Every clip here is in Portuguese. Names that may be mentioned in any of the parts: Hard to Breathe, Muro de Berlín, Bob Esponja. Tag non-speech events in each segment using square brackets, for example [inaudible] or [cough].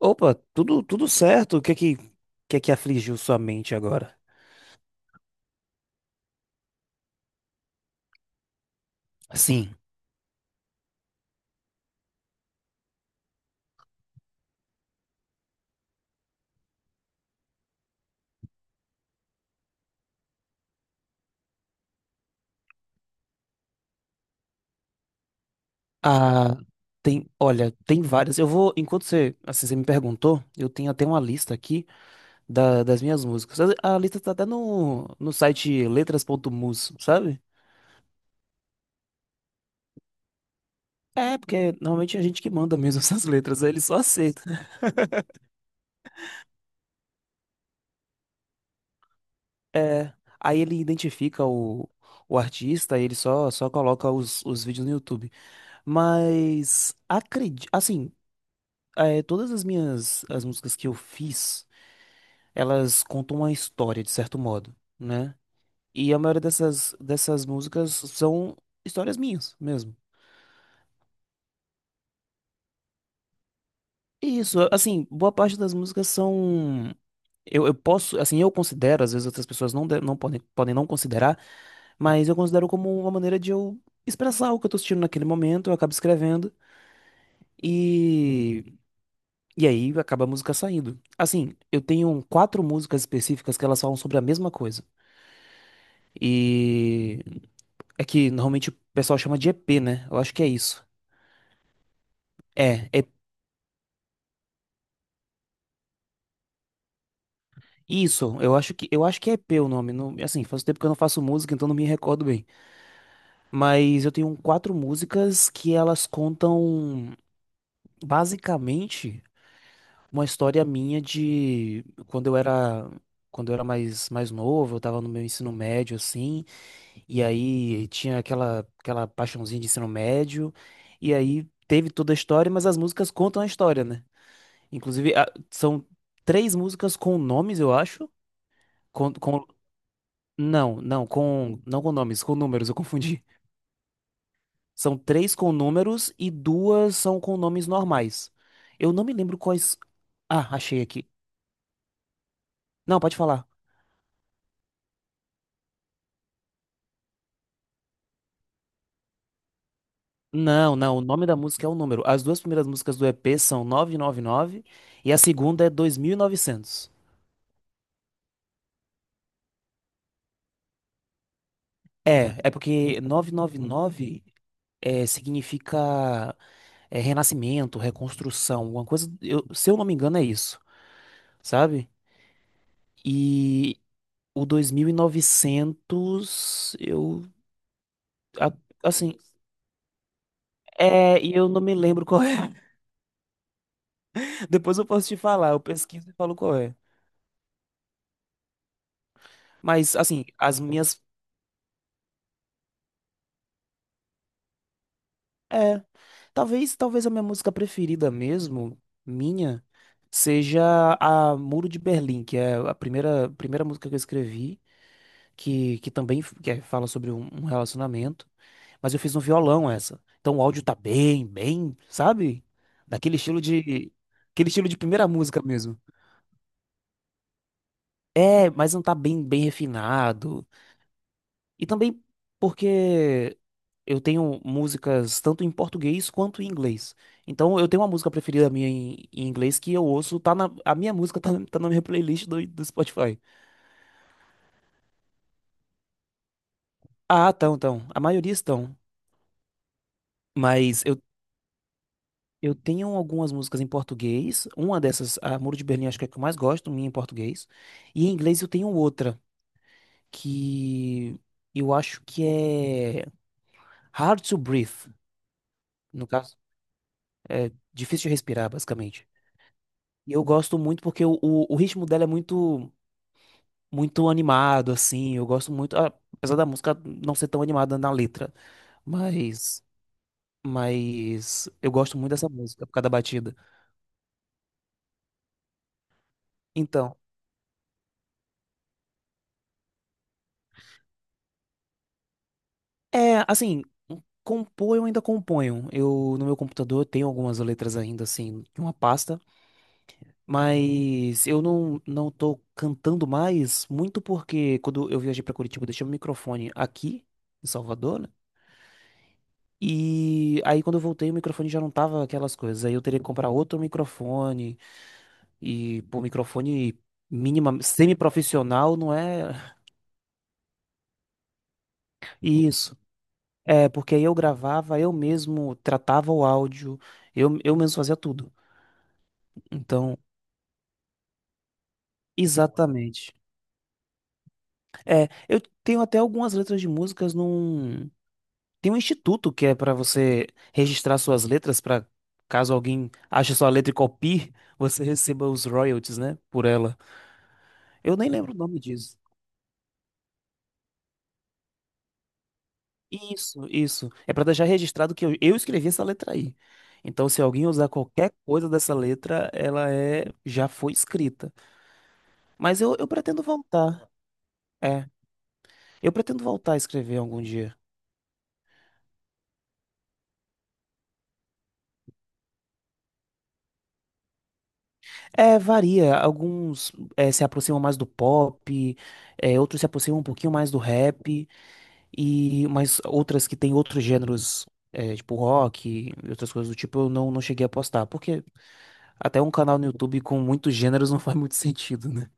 Opa, tudo certo. O que é que afligiu sua mente agora? Assim, ah, tem, olha, tem várias. Enquanto você, assim, você me perguntou, eu tenho até uma lista aqui das minhas músicas. A lista tá até no site letras.mus, sabe? É, porque normalmente é a gente que manda mesmo [laughs] essas letras, aí ele só aceita. É, aí ele identifica o artista, aí ele só coloca os vídeos no YouTube. Mas acredito, todas as minhas as músicas que eu fiz, elas contam uma história, de certo modo, né? E a maioria dessas músicas são histórias minhas mesmo. E isso, assim, boa parte das músicas são. Eu posso, assim, eu considero, às vezes outras pessoas não, não podem não considerar, mas eu considero como uma maneira de eu expressar o que eu tô sentindo naquele momento, eu acabo escrevendo e, e aí acaba a música saindo. Assim, eu tenho quatro músicas específicas que elas falam sobre a mesma coisa. E é que normalmente o pessoal chama de EP, né? Eu acho que é isso. É, é isso. Eu acho que é EP o nome. Não, assim, faz tempo que eu não faço música, então não me recordo bem. Mas eu tenho quatro músicas que elas contam basicamente uma história minha de quando eu era mais novo. Eu tava no meu ensino médio assim, e aí tinha aquela paixãozinha de ensino médio, e aí teve toda a história, mas as músicas contam a história, né? Inclusive, são três músicas com nomes, eu acho. Com, com- não, não, não com nomes, com números, eu confundi. São três com números e duas são com nomes normais. Eu não me lembro quais. Ah, achei aqui. Não, pode falar. Não, não, o nome da música é o número. As duas primeiras músicas do EP são 999 e 99, e a segunda é 2900. É, é porque 999 significa, renascimento, reconstrução, uma coisa. Se eu não me engano, é isso, sabe? E o 2900 a- assim, e eu não me lembro qual é. [laughs] Depois eu posso te falar, eu pesquiso e falo qual é. Mas, assim, as minhas, é, talvez a minha música preferida mesmo, minha, seja a Muro de Berlim, que é a primeira música que eu escrevi, que também fala sobre um relacionamento, mas eu fiz no violão essa. Então o áudio tá bem, bem, sabe? Daquele estilo de, aquele estilo de primeira música mesmo. É, mas não tá bem, bem refinado. E também porque eu tenho músicas tanto em português quanto em inglês. Então eu tenho uma música preferida minha em inglês que eu ouço. Tá na, a minha música tá, na- Tá na minha playlist do Spotify. Ah, estão, estão. A maioria estão. Mas eu Eu tenho algumas músicas em português. Uma dessas, a Muro de Berlim, acho que é a que eu mais gosto, minha em português. E em inglês eu tenho outra, que eu acho que é Hard to Breathe, no caso, difícil de respirar, basicamente. E eu gosto muito porque o ritmo dela é muito, muito animado, assim. Eu gosto muito, ah, apesar da música não ser tão animada na letra, mas, mas eu gosto muito dessa música por causa da batida. Então. É, assim, compor eu ainda componho. Eu, no meu computador, tenho algumas letras ainda, assim, de uma pasta, mas eu não tô cantando mais, muito porque quando eu viajei pra Curitiba, eu deixei o microfone aqui, em Salvador, né? E aí, quando eu voltei, o microfone já não tava aquelas coisas. Aí eu teria que comprar outro microfone, e, pô, microfone mínima, semi-profissional, não é [laughs] isso. É, porque aí eu gravava, eu mesmo tratava o áudio, eu mesmo fazia tudo. Então, exatamente. É, eu tenho até algumas letras de músicas num. Tem um instituto que é para você registrar suas letras para caso alguém ache sua letra e copie, [laughs] você receba os royalties, né, por ela. Eu nem lembro o nome disso. Isso, isso. É para deixar registrado que eu escrevi essa letra aí. Então, se alguém usar qualquer coisa dessa letra, ela é já foi escrita. Mas eu pretendo voltar. É, eu pretendo voltar a escrever algum dia. É, varia. Alguns se aproximam mais do pop, outros se aproximam um pouquinho mais do rap, e mas outras que têm outros gêneros, tipo rock e outras coisas do tipo, eu não, não cheguei a postar, porque até um canal no YouTube com muitos gêneros [laughs] não faz muito sentido, né?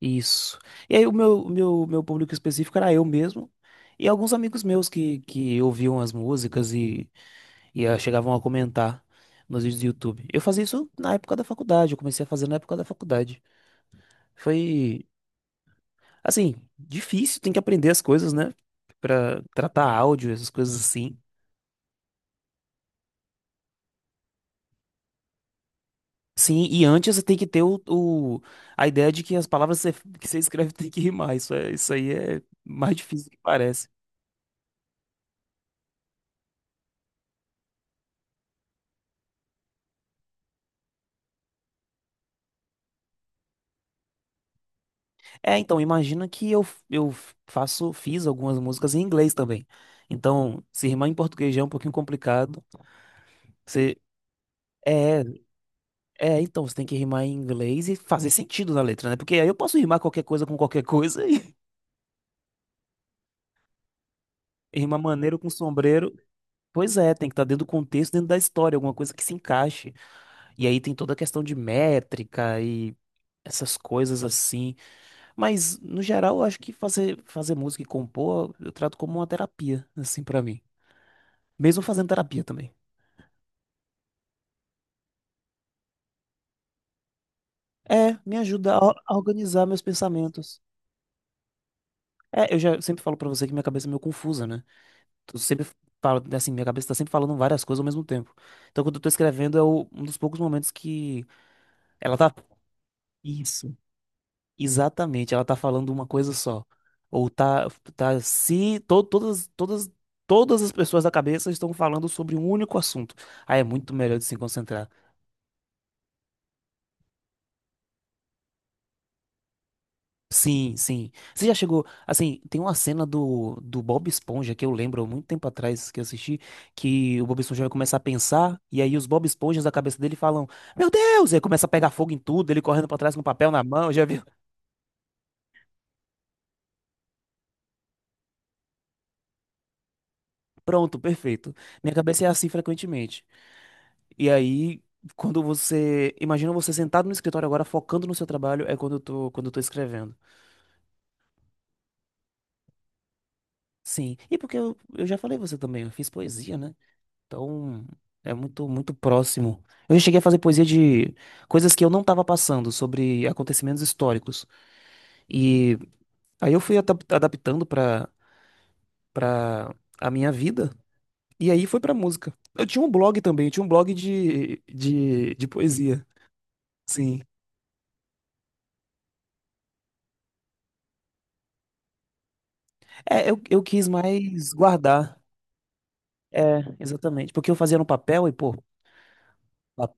Isso. E aí o meu público específico era eu mesmo e alguns amigos meus que ouviam as músicas e, chegavam a comentar nos vídeos do YouTube. Eu fazia isso na época da faculdade, eu comecei a fazer na época da faculdade. Foi, assim, difícil, tem que aprender as coisas, né? Pra tratar áudio, essas coisas assim. Sim, e antes você tem que ter o, a ideia de que as palavras que você escreve [laughs] tem que rimar. Isso, é, isso aí é mais difícil do que parece. É, então, imagina que eu faço, fiz algumas músicas em inglês também. Então, se rimar em português já é um pouquinho complicado. Você, é, então, você tem que rimar em inglês e fazer sentido na letra, né? Porque aí eu posso rimar qualquer coisa com qualquer coisa e [laughs] rimar maneiro com sombreiro. Pois é, tem que estar dentro do contexto, dentro da história, alguma coisa que se encaixe. E aí tem toda a questão de métrica e essas coisas assim. Mas, no geral, eu acho que fazer, fazer música e compor, eu trato como uma terapia, assim, pra mim. Mesmo fazendo terapia também. É, me ajuda a organizar meus pensamentos. É, eu já sempre falo pra você que minha cabeça é meio confusa, né? Eu sempre falo, assim, minha cabeça tá sempre falando várias coisas ao mesmo tempo. Então, quando eu tô escrevendo, é um dos poucos momentos que ela tá. Isso. Exatamente, ela tá falando uma coisa só. Ou tá, tá se to- todas, todas, todas as pessoas da cabeça estão falando sobre um único assunto. Aí é muito melhor de se concentrar. Sim, sim. Você já chegou, assim, tem uma cena do, do Bob Esponja que eu lembro há muito tempo atrás que eu assisti, que o Bob Esponja vai começar a pensar e aí os Bob Esponjas da cabeça dele falam: "Meu Deus!" E aí começa a pegar fogo em tudo, ele correndo pra trás com papel na mão, já viu? Pronto, perfeito. Minha cabeça é assim frequentemente. E aí, quando você. Imagina você sentado no escritório agora, focando no seu trabalho, é quando eu tô escrevendo. Sim. E porque eu já falei você também, eu fiz poesia, né? Então, é muito, muito próximo. Eu já cheguei a fazer poesia de coisas que eu não tava passando, sobre acontecimentos históricos. E aí eu fui adaptando pra, pra a minha vida. E aí foi pra música. Eu tinha um blog também, eu tinha um blog de poesia. Sim. É, eu quis mais guardar. É, exatamente. Porque eu fazia no papel e, pô, pa-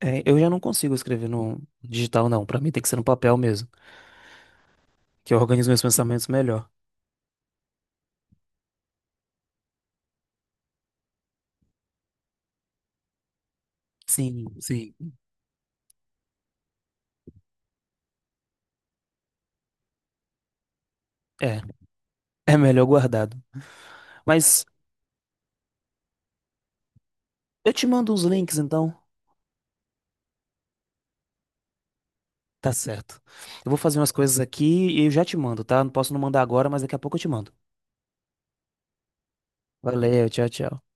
é, eu já não consigo escrever no digital, não. Pra mim tem que ser no, papel mesmo, que eu organizo meus pensamentos melhor. Sim, sim. É, é melhor guardado. Mas eu te mando uns links, então. Tá certo. Eu vou fazer umas coisas aqui e eu já te mando, tá? Não posso não mandar agora, mas daqui a pouco eu te mando. Valeu, tchau, tchau.